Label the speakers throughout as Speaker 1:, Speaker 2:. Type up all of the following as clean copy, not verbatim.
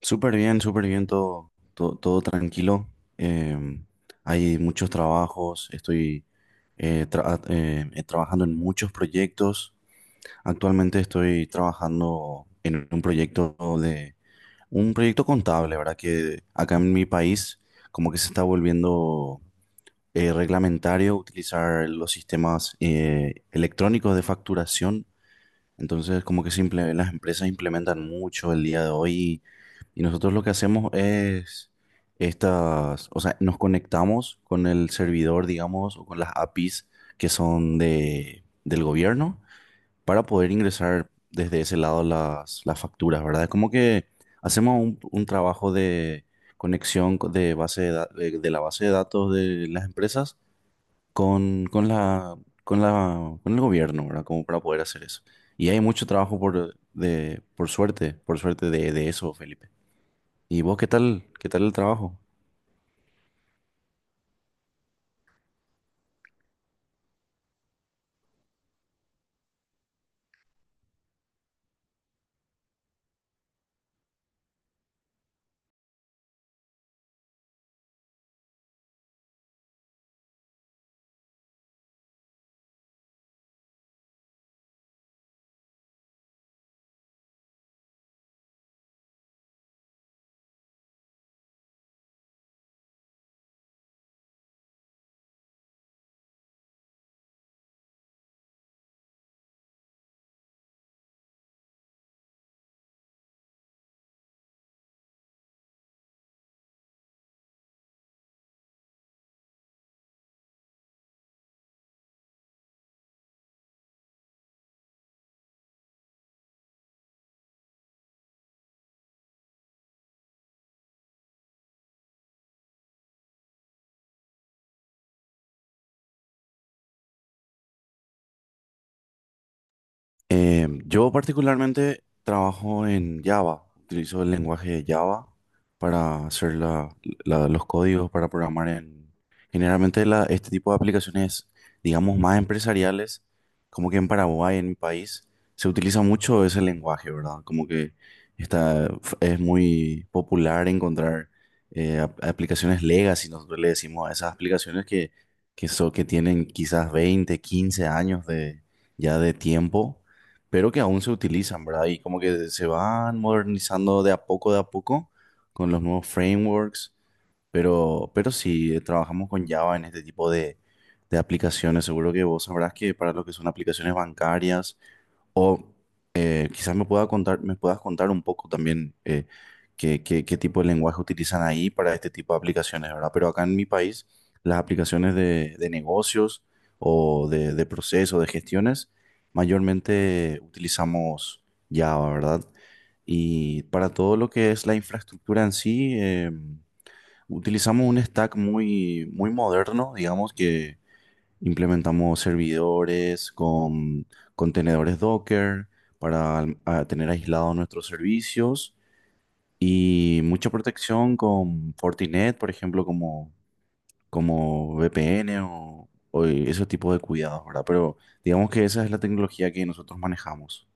Speaker 1: Súper bien, todo, todo, todo tranquilo. Em, Hay muchos trabajos, estoy trabajando en muchos proyectos. Actualmente estoy trabajando en un proyecto de un proyecto contable, ¿verdad? Que acá en mi país como que se está volviendo reglamentario utilizar los sistemas electrónicos de facturación, entonces, como que simple, las empresas implementan mucho el día de hoy. Y nosotros lo que hacemos es estas, o sea, nos conectamos con el servidor, digamos, o con las APIs que son del gobierno para poder ingresar desde ese lado las facturas, ¿verdad? Es como que hacemos un trabajo de conexión co- de base de, da- de la base de datos de las empresas con, con la, con el gobierno, ¿verdad? Como para poder hacer eso. Y hay mucho trabajo por suerte, por suerte de eso, Felipe. ¿Y vos qué tal? ¿Qué tal el trabajo? Yo particularmente trabajo en Java, utilizo el lenguaje de Java para hacer los códigos, para programar en... Generalmente este tipo de aplicaciones, digamos, más empresariales, como que en Paraguay, en mi país, se utiliza mucho ese lenguaje, ¿verdad? Como que está, es muy popular encontrar aplicaciones legacy, nosotros le decimos a esas aplicaciones que, que tienen quizás 20, 15 años de, ya de tiempo, pero que aún se utilizan, ¿verdad? Y como que se van modernizando de a poco, con los nuevos frameworks, pero, pero sí, trabajamos con Java en este tipo de aplicaciones. Seguro que vos sabrás que para lo que son aplicaciones bancarias o quizás me puedas contar un poco también, eh, qué tipo de lenguaje utilizan ahí para este tipo de aplicaciones, ¿verdad? Pero acá en mi país, las aplicaciones de negocios o de procesos, de gestiones, mayormente utilizamos Java, ¿verdad? Y para todo lo que es la infraestructura en sí, utilizamos un stack muy, muy moderno, digamos que implementamos servidores con contenedores Docker para a tener aislados nuestros servicios y mucha protección con Fortinet, por ejemplo, como, como VPN o ese tipo de cuidados, ¿verdad? Pero digamos que esa es la tecnología que nosotros manejamos.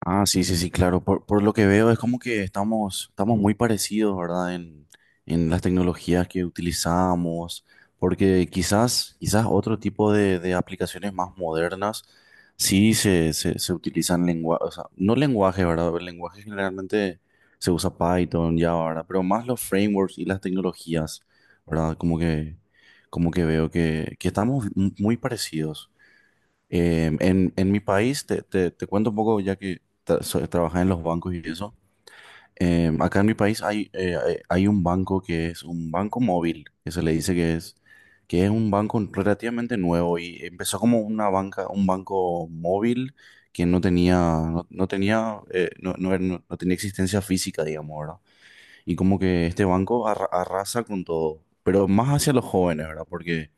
Speaker 1: Ah, sí, sí, sí, claro. Por lo que veo es como que estamos, estamos muy parecidos, ¿verdad? En las tecnologías que utilizamos, porque quizás, quizás otro tipo de aplicaciones más modernas sí se, se utilizan lenguaje, o sea, no lenguaje, ¿verdad? El lenguaje generalmente se usa Python, Java, ¿verdad? Pero más los frameworks y las tecnologías, ¿verdad? Como que veo que estamos muy parecidos. En mi país, te, te cuento un poco ya que trabajé en los bancos y eso. Acá en mi país hay, hay un banco que es un banco móvil, que se le dice que es un banco relativamente nuevo y empezó como una banca, un banco móvil que no tenía, no, no tenía, no, no tenía existencia física, digamos, ¿verdad? Y como que este banco arrasa con todo, pero más hacia los jóvenes, ¿verdad? Porque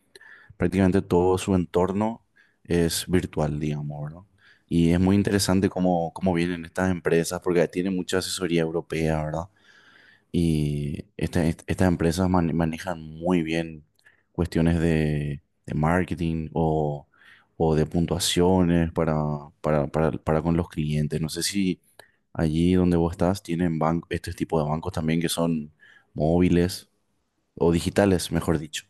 Speaker 1: prácticamente todo su entorno es virtual, digamos, ¿verdad? Y es muy interesante cómo, cómo vienen estas empresas, porque tienen mucha asesoría europea, ¿verdad? Y estas empresas manejan muy bien cuestiones de marketing o de puntuaciones para, para con los clientes. No sé si allí donde vos estás tienen este tipo de bancos también que son móviles o digitales, mejor dicho.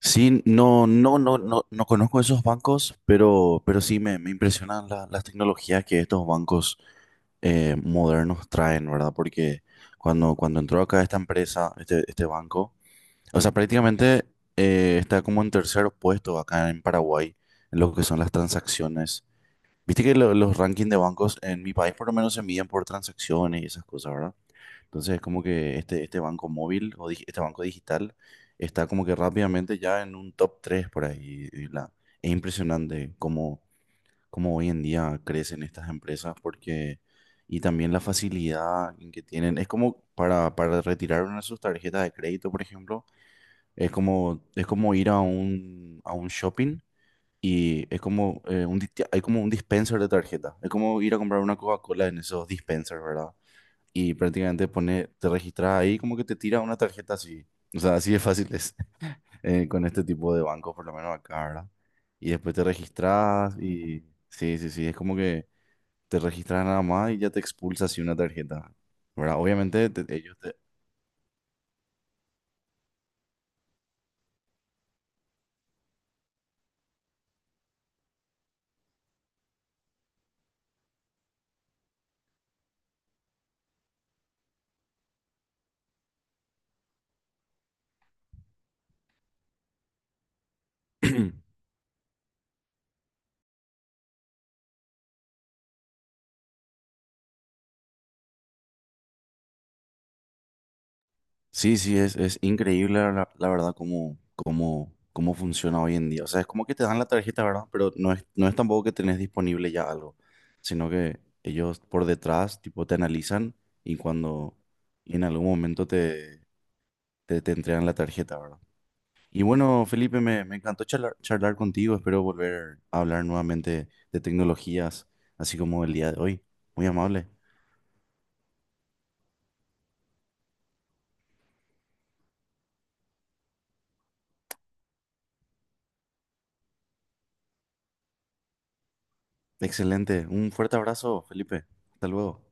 Speaker 1: Sí, no, no, no, no, no conozco esos bancos, pero sí me impresionan las tecnologías que estos bancos modernos traen, ¿verdad? Porque cuando, cuando entró acá esta empresa, este banco, o sea, prácticamente está como en tercer puesto acá en Paraguay en lo que son las transacciones. Viste que los rankings de bancos en mi país por lo menos se miden por transacciones y esas cosas, ¿verdad? Entonces es como que este banco móvil o este banco digital está como que rápidamente ya en un top 3 por ahí. Y es impresionante cómo, cómo hoy en día crecen estas empresas porque, y también la facilidad en que tienen. Es como para retirar una de sus tarjetas de crédito, por ejemplo, es como ir a a un shopping y es como, hay como un dispenser de tarjeta. Es como ir a comprar una Coca-Cola en esos dispensers, ¿verdad? Y prácticamente pone, te registras ahí como que te tira una tarjeta así. O sea, así de fácil es con este tipo de bancos, por lo menos acá, ¿verdad? Y después te registras y sí, sí, sí, es como que te registras nada más y ya te expulsa así una tarjeta, ¿verdad? Obviamente ellos te- Sí, sí, es increíble la, la verdad cómo, cómo, cómo funciona hoy en día. O sea, es como que te dan la tarjeta, ¿verdad? Pero no es, no es tampoco que tenés disponible ya algo, sino que ellos por detrás, tipo, te analizan y cuando y en algún momento te, te, te entregan la tarjeta, ¿verdad? Y bueno, Felipe, me encantó charlar, charlar contigo. Espero volver a hablar nuevamente de tecnologías, así como el día de hoy. Muy amable. Excelente. Un fuerte abrazo, Felipe. Hasta luego.